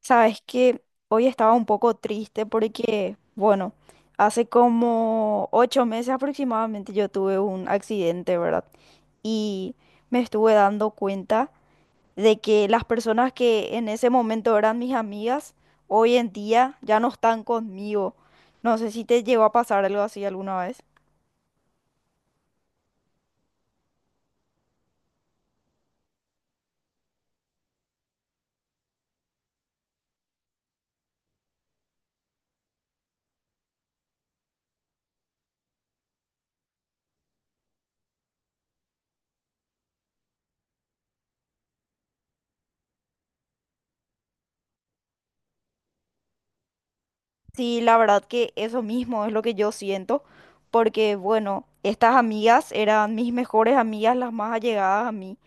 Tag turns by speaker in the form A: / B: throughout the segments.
A: Sabes que hoy estaba un poco triste porque, bueno, hace como 8 meses aproximadamente yo tuve un accidente, ¿verdad? Y me estuve dando cuenta de que las personas que en ese momento eran mis amigas, hoy en día ya no están conmigo. No sé si te llegó a pasar algo así alguna vez. Sí, la verdad que eso mismo es lo que yo siento, porque bueno, estas amigas eran mis mejores amigas, las más allegadas a mí,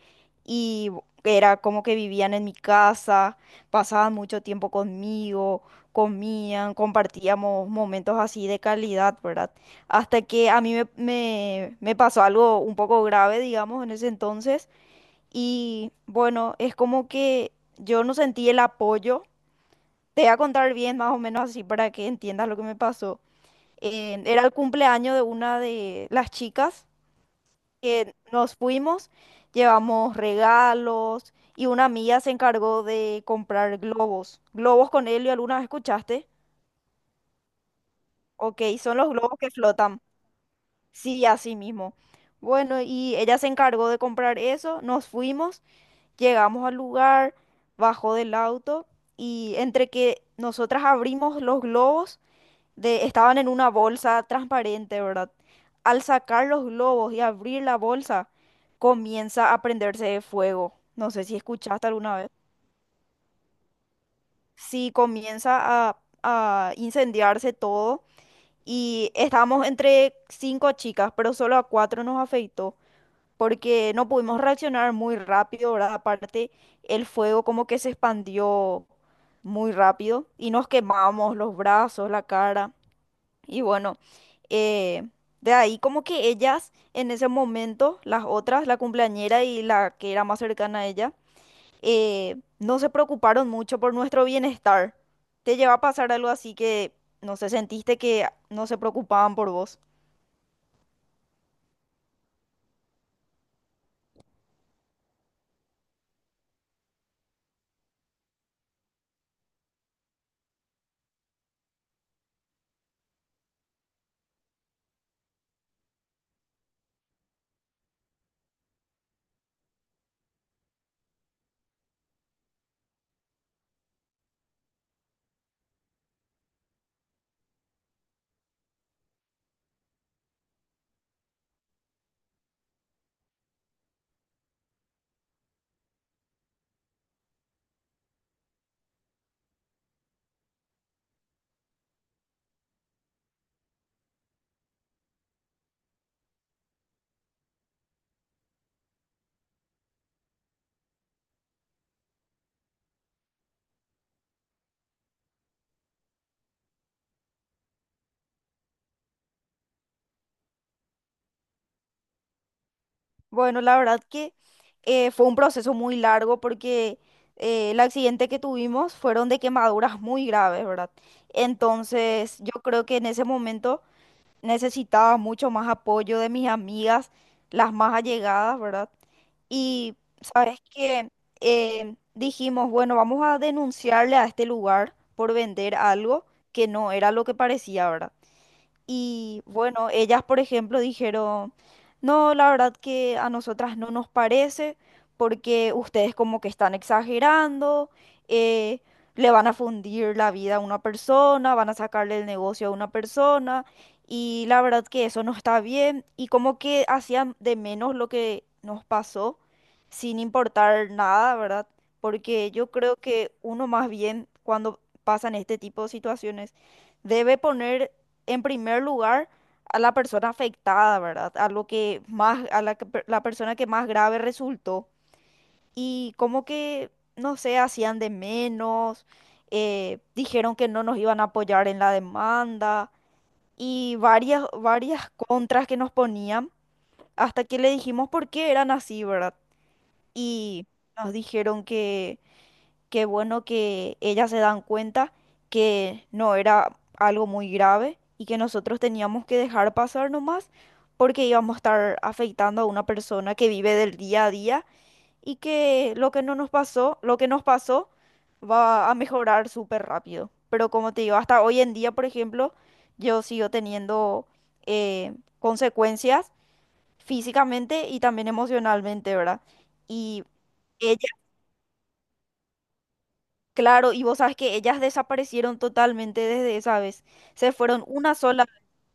A: y era como que vivían en mi casa, pasaban mucho tiempo conmigo, comían, compartíamos momentos así de calidad, ¿verdad? Hasta que a mí me pasó algo un poco grave, digamos, en ese entonces, y bueno, es como que yo no sentí el apoyo. Te voy a contar bien, más o menos así, para que entiendas lo que me pasó. Era el cumpleaños de una de las chicas que nos fuimos, llevamos regalos y una amiga se encargó de comprar globos. Globos con helio, ¿alguna vez escuchaste? Ok, son los globos que flotan. Sí, así mismo. Bueno, y ella se encargó de comprar eso, nos fuimos, llegamos al lugar, bajó del auto y entre que nosotras abrimos los globos, estaban en una bolsa transparente, ¿verdad? Al sacar los globos y abrir la bolsa, comienza a prenderse fuego. No sé si escuchaste alguna vez. Sí, comienza a incendiarse todo y estábamos entre 5 chicas, pero solo a cuatro nos afectó porque no pudimos reaccionar muy rápido, ¿verdad? Aparte, el fuego como que se expandió muy rápido y nos quemamos los brazos, la cara. Y bueno, eh, de ahí como que ellas en ese momento, las otras, la cumpleañera y la que era más cercana a ella, no se preocuparon mucho por nuestro bienestar. ¿Te lleva a pasar algo así que, no sé, sentiste que no se preocupaban por vos? Bueno, la verdad que fue un proceso muy largo porque el accidente que tuvimos fueron de quemaduras muy graves, ¿verdad? Entonces, yo creo que en ese momento necesitaba mucho más apoyo de mis amigas, las más allegadas, ¿verdad? Y sabes que dijimos, bueno, vamos a denunciarle a este lugar por vender algo que no era lo que parecía, ¿verdad? Y bueno, ellas, por ejemplo, dijeron, no, la verdad que a nosotras no nos parece porque ustedes como que están exagerando, eh, le van a fundir la vida a una persona, van a sacarle el negocio a una persona y la verdad que eso no está bien y como que hacían de menos lo que nos pasó sin importar nada, ¿verdad? Porque yo creo que uno más bien cuando pasan este tipo de situaciones debe poner en primer lugar a la persona afectada, ¿verdad? A lo que más, a la, la persona que más grave resultó. Y como que, no sé, hacían de menos, dijeron que no nos iban a apoyar en la demanda y varias contras que nos ponían hasta que le dijimos por qué eran así, ¿verdad? Y nos dijeron qué bueno que ellas se dan cuenta que no era algo muy grave y que nosotros teníamos que dejar pasar nomás porque íbamos a estar afectando a una persona que vive del día a día y que lo que no nos pasó, lo que nos pasó va a mejorar súper rápido. Pero como te digo, hasta hoy en día, por ejemplo, yo sigo teniendo consecuencias físicamente y también emocionalmente, ¿verdad? Y ella claro, y vos sabes que ellas desaparecieron totalmente desde esa vez. Se fueron una sola,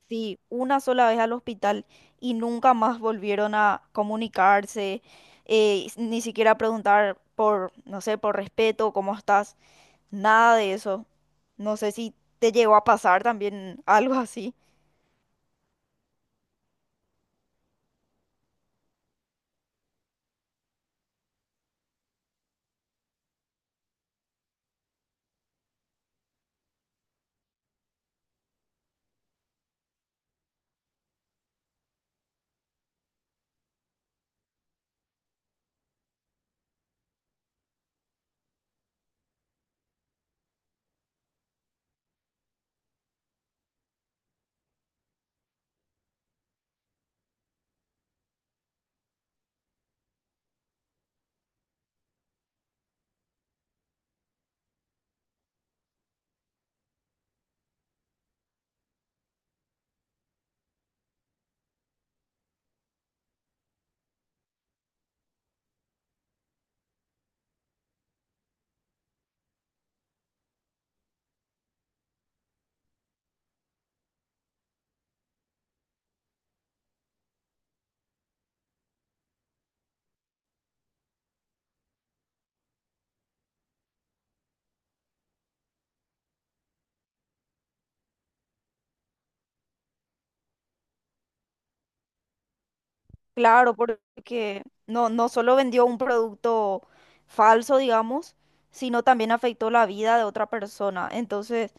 A: sí, una sola vez al hospital y nunca más volvieron a comunicarse, ni siquiera preguntar por, no sé, por respeto, cómo estás, nada de eso. No sé si te llegó a pasar también algo así. Claro, porque no solo vendió un producto falso, digamos, sino también afectó la vida de otra persona. Entonces,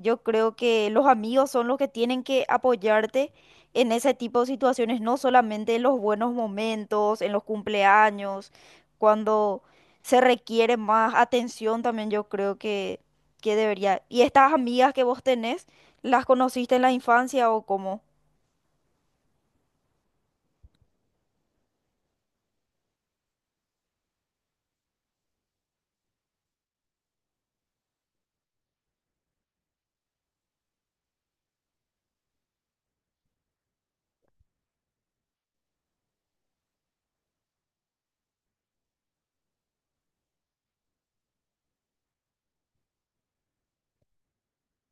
A: yo creo que los amigos son los que tienen que apoyarte en ese tipo de situaciones, no solamente en los buenos momentos, en los cumpleaños, cuando se requiere más atención también yo creo que debería. ¿Y estas amigas que vos tenés, las conociste en la infancia o cómo?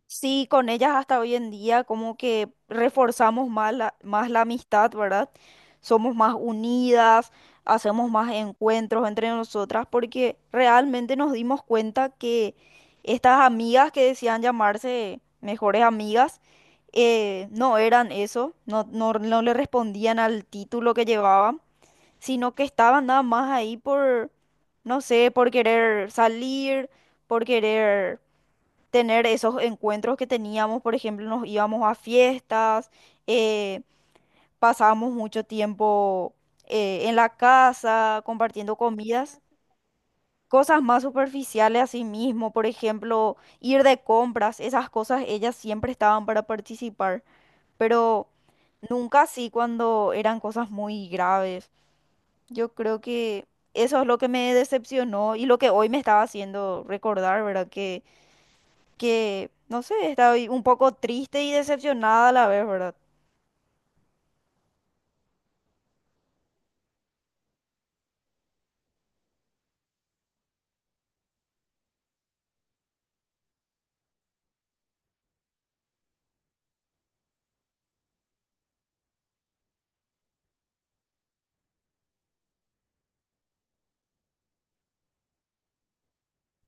A: Sí, con ellas hasta hoy en día como que reforzamos más más la amistad, ¿verdad? Somos más unidas, hacemos más encuentros entre nosotras porque realmente nos dimos cuenta que estas amigas que decían llamarse mejores amigas no eran eso, no le respondían al título que llevaban, sino que estaban nada más ahí por, no sé, por querer salir, por querer tener esos encuentros que teníamos, por ejemplo, nos íbamos a fiestas, eh, pasábamos mucho tiempo en la casa compartiendo comidas, cosas más superficiales. A sí mismo, por ejemplo, ir de compras, esas cosas ellas siempre estaban para participar, pero nunca así cuando eran cosas muy graves. Yo creo que eso es lo que me decepcionó y lo que hoy me estaba haciendo recordar, ¿verdad? Que no sé, estaba un poco triste y decepcionada a la vez, ¿verdad?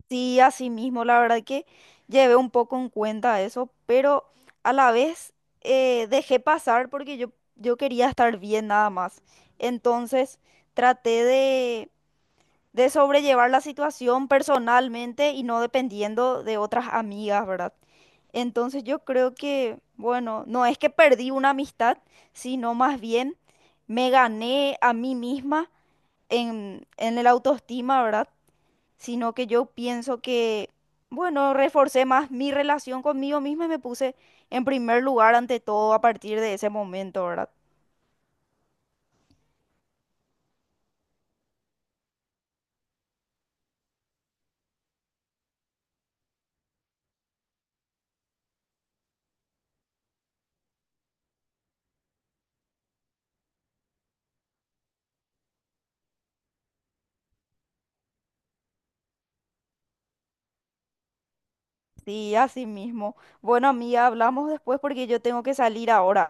A: Sí, así mismo, la verdad que llevé un poco en cuenta eso, pero a la vez dejé pasar porque yo quería estar bien nada más. Entonces traté de sobrellevar la situación personalmente y no dependiendo de otras amigas, ¿verdad? Entonces yo creo que, bueno, no es que perdí una amistad, sino más bien me gané a mí misma en el autoestima, ¿verdad? Sino que yo pienso que, bueno, reforcé más mi relación conmigo misma y me puse en primer lugar ante todo a partir de ese momento, ¿verdad? Sí, así mismo. Bueno, amiga, hablamos después porque yo tengo que salir ahora.